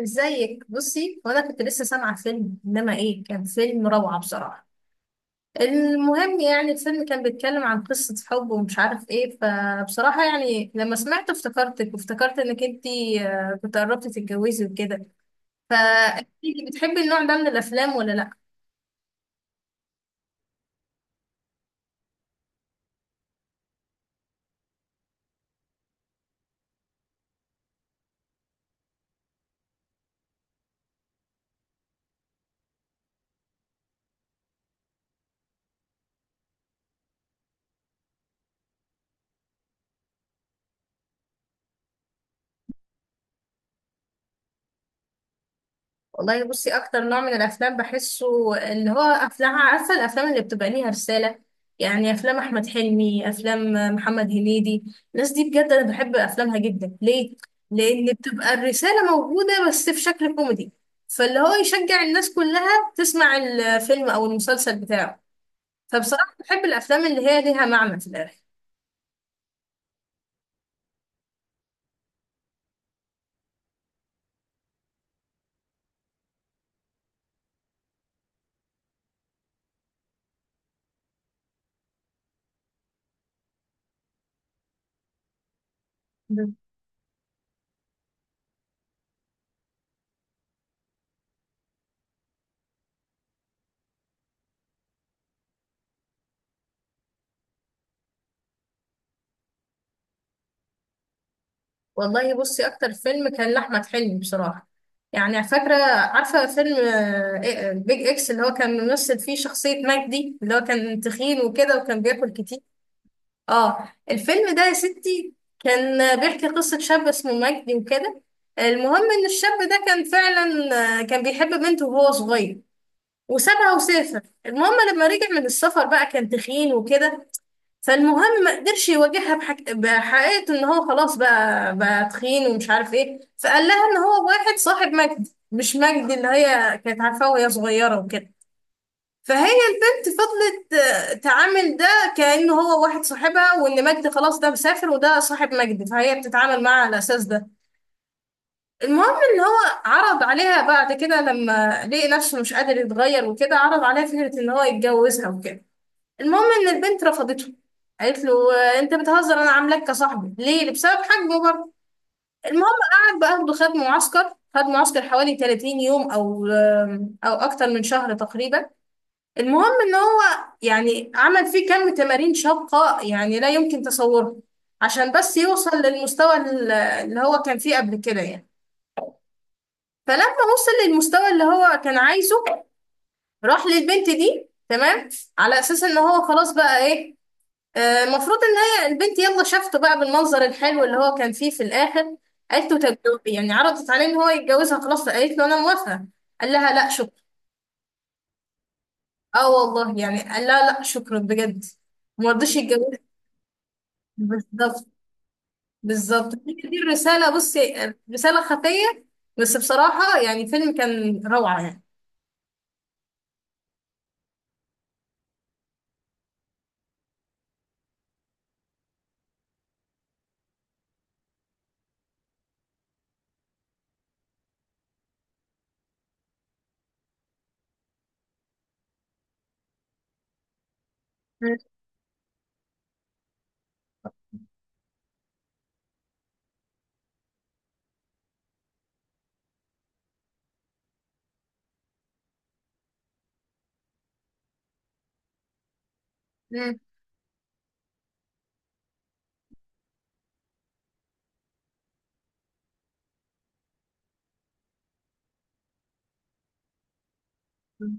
ازيك؟ بصي، وانا كنت لسه سامعه فيلم، انما ايه، كان فيلم روعه بصراحه. المهم، يعني الفيلم كان بيتكلم عن قصه حب ومش عارف ايه، فبصراحه يعني لما سمعته افتكرتك وافتكرت انك انتي كنت قربتي تتجوزي وكده. فانتي بتحبي النوع ده من الافلام ولا لا؟ والله بصي، اكتر نوع من الافلام بحسه اللي هو افلام، عارفه؟ الافلام اللي بتبقى ليها رساله. يعني افلام احمد حلمي، افلام محمد هنيدي. الناس دي بجد انا بحب افلامها جدا، ليه؟ لان بتبقى الرساله موجوده بس في شكل كوميدي، فاللي هو يشجع الناس كلها تسمع الفيلم او المسلسل بتاعه. فبصراحه بحب الافلام اللي هي ليها معنى في الاخر. والله بصي، اكتر فيلم كان لاحمد حلمي بصراحه. يعني فاكره، عارفه فيلم بيج اكس، اللي هو كان ممثل فيه شخصيه مجدي، اللي هو كان تخين وكده وكان بياكل كتير. اه الفيلم ده يا ستي، كان بيحكي قصه شاب اسمه مجدي وكده. المهم ان الشاب ده كان فعلا، كان بيحب بنته وهو صغير، وسابها وسافر. المهم لما رجع من السفر بقى كان تخين وكده، فالمهم ما قدرش يواجهها بحقيقة ان هو خلاص بقى تخين ومش عارف ايه، فقال لها ان هو واحد صاحب مجدي مش مجدي اللي هي كانت عارفاه وهي صغيرة وكده. فهي البنت فضلت تعامل ده كأنه هو واحد صاحبها، وان مجدي خلاص ده مسافر وده صاحب مجدي، فهي بتتعامل معاه على اساس ده. المهم ان هو عرض عليها بعد كده لما لقي نفسه مش قادر يتغير وكده، عرض عليها فكرة ان هو يتجوزها وكده. المهم ان البنت رفضته، قالت له: انت بتهزر؟ انا عاملاك كصاحبي ليه؟ بسبب حجمه برضه. المهم، قعد بقى اخده خد معسكر حوالي 30 يوم او اكتر من شهر تقريبا. المهم ان هو يعني عمل فيه كم تمارين شاقة، يعني لا يمكن تصوره، عشان بس يوصل للمستوى اللي هو كان فيه قبل كده يعني. فلما وصل للمستوى اللي هو كان عايزه، راح للبنت دي، تمام. على اساس ان هو خلاص بقى ايه، المفروض ان هي البنت يلا شافته بقى بالمنظر الحلو اللي هو كان فيه في الاخر. قالت له: طب يعني عرضت عليه ان هو يتجوزها، خلاص قالت له انا موافقه. قال لها: لا شكرا. اه والله، يعني قال لها لا شكرا بجد. ما رضيش يتجوزها. بالظبط. بالظبط، هي دي الرساله بصي، رساله خفيه. بس بصراحه يعني فيلم كان روعه يعني. مم. مم.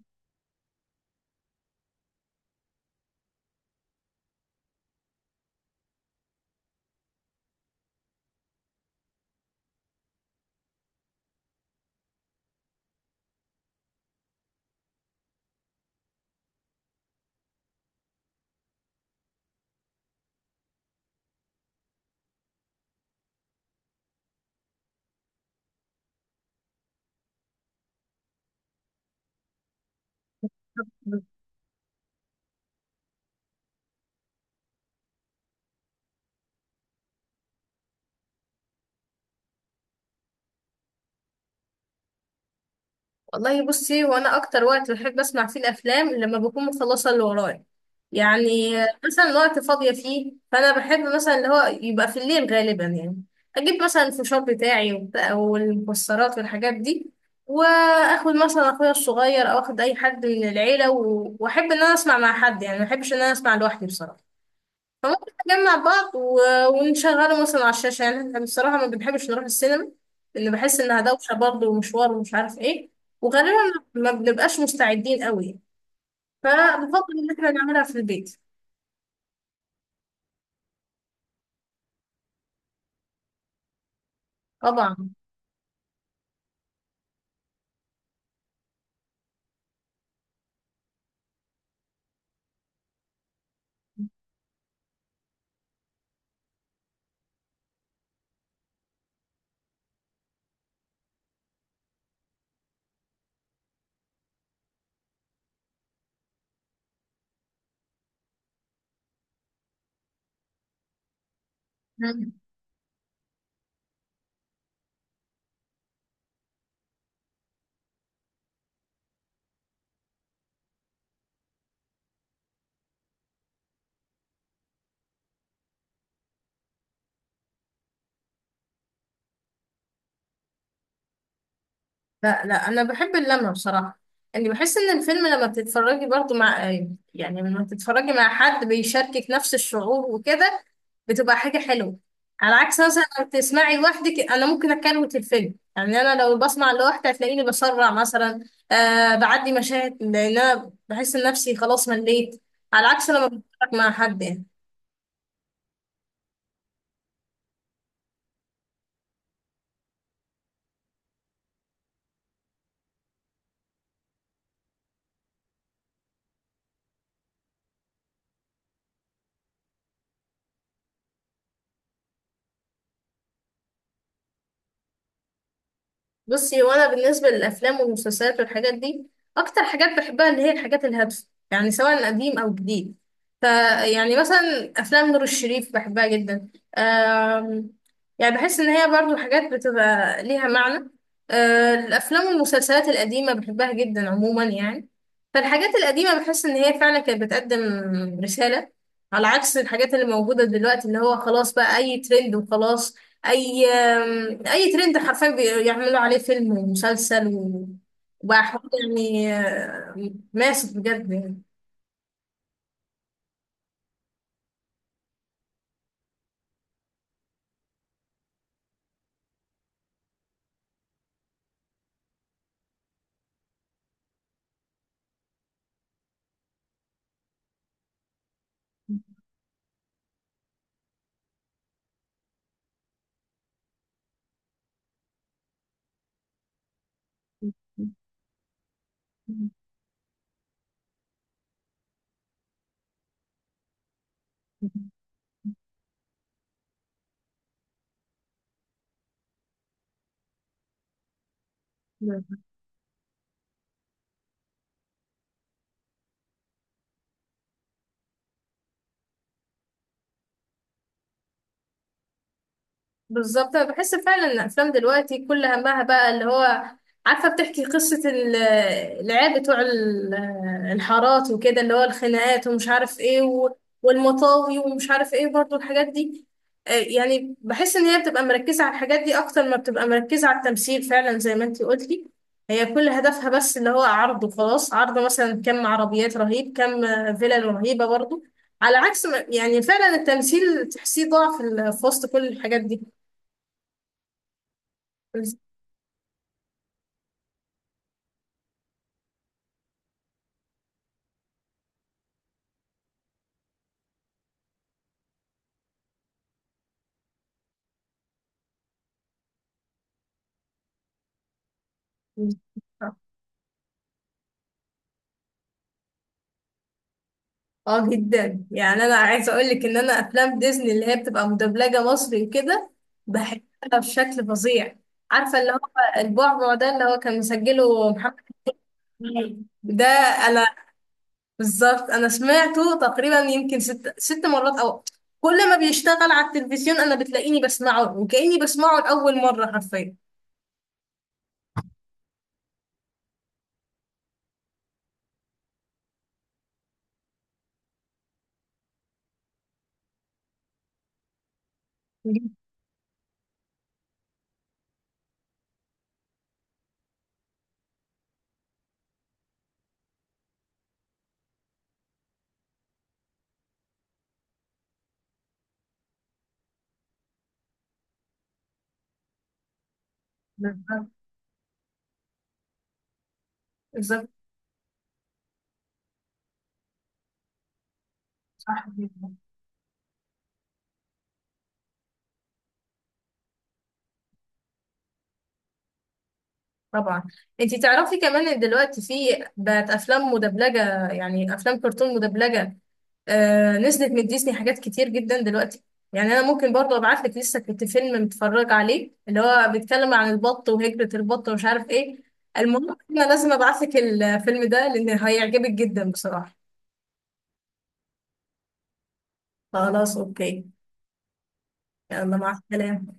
والله بصي، وانا اكتر وقت بحب اسمع فيه الافلام لما بكون مخلصه اللي ورايا، يعني مثلا وقت فاضيه فيه، فانا بحب مثلا اللي هو يبقى في الليل غالبا يعني. اجيب مثلا الفشار بتاعي والمكسرات والحاجات دي. واخد مثلا اخويا الصغير او اخد اي حد من العيله واحب ان انا اسمع مع حد، يعني ما بحبش ان انا اسمع لوحدي بصراحه. فممكن نجمع بعض ونشغله مثلا على الشاشة، يعني احنا بصراحة ما بنحبش نروح السينما. لأن بحس إنها دوشة برضه ومشوار ومش عارف ايه، وغالبا ما بنبقاش مستعدين قوي، فبفضل إن احنا نعملها في البيت. طبعا. مم. لا، لا، أنا بحب اللمة بصراحة. يعني بحس إن الفيلم لما بتتفرجي برضه مع، يعني لما بتتفرجي مع حد بيشاركك نفس الشعور وكده، بتبقى حاجة حلوة. على عكس مثلا لو تسمعي لوحدك، انا ممكن اكروت الفيلم، يعني انا لو بسمع لوحدي هتلاقيني بسرع مثلا بعدي مشاهد، لان انا بحس ان نفسي خلاص مليت. على عكس لما بتفرج مع حد يعني. بصي، هو انا بالنسبه للافلام والمسلسلات والحاجات دي، اكتر حاجات بحبها اللي هي الحاجات الهادفه، يعني سواء قديم او جديد. ف يعني مثلا افلام نور الشريف بحبها جدا. أم... يعني بحس ان هي برضو حاجات بتبقى ليها معنى. الافلام والمسلسلات القديمه بحبها جدا عموما يعني. فالحاجات القديمه بحس ان هي فعلا كانت بتقدم رساله، على عكس الحاجات اللي موجوده دلوقتي، اللي هو خلاص بقى اي ترند وخلاص. اي اي ترند حرفيا، بيعملوا عليه فيلم ومسلسل وبقى حوار يعني، ماسك بجد. يعني بالظبط، انا بحس فعلا ان الافلام دلوقتي كل همها بقى اللي هو عارفه، بتحكي قصه العيال بتوع الحارات وكده، اللي هو الخناقات ومش عارف ايه والمطاوي ومش عارف ايه برضو الحاجات دي. يعني بحس ان هي بتبقى مركزه على الحاجات دي اكتر ما بتبقى مركزه على التمثيل، فعلا زي ما انتي قلتي. هي كل هدفها بس اللي هو عرض وخلاص، عرض مثلا كم عربيات رهيب، كم فيلل رهيبه برضو. على عكس يعني فعلا التمثيل تحسيه ضعف في وسط كل الحاجات دي. اه جدا، يعني انا عايزه اقول لك ان انا افلام ديزني اللي هي بتبقى مدبلجه مصري وكده، بحبها بشكل فظيع. عارفه اللي هو البعبع ده، اللي هو كان مسجله محمد إسماعيل ده. انا بالظبط، انا سمعته تقريبا يمكن ست ست مرات، او كل ما بيشتغل على التلفزيون انا بتلاقيني بسمعه وكاني بسمعه لاول مره حرفيا. بالظبط. بالظبط. صح. طبعا. انتي تعرفي كمان ان دلوقتي في، بقت افلام مدبلجه، يعني افلام كرتون مدبلجه. نزلت من ديزني حاجات كتير جدا دلوقتي. يعني انا ممكن برضه ابعت لك، لسه كنت فيلم متفرج عليه اللي هو بيتكلم عن البط وهجرة البط ومش عارف ايه. المهم، انا لازم ابعت لك الفيلم ده لان هيعجبك جدا بصراحه. خلاص، اوكي. يلا مع السلامه.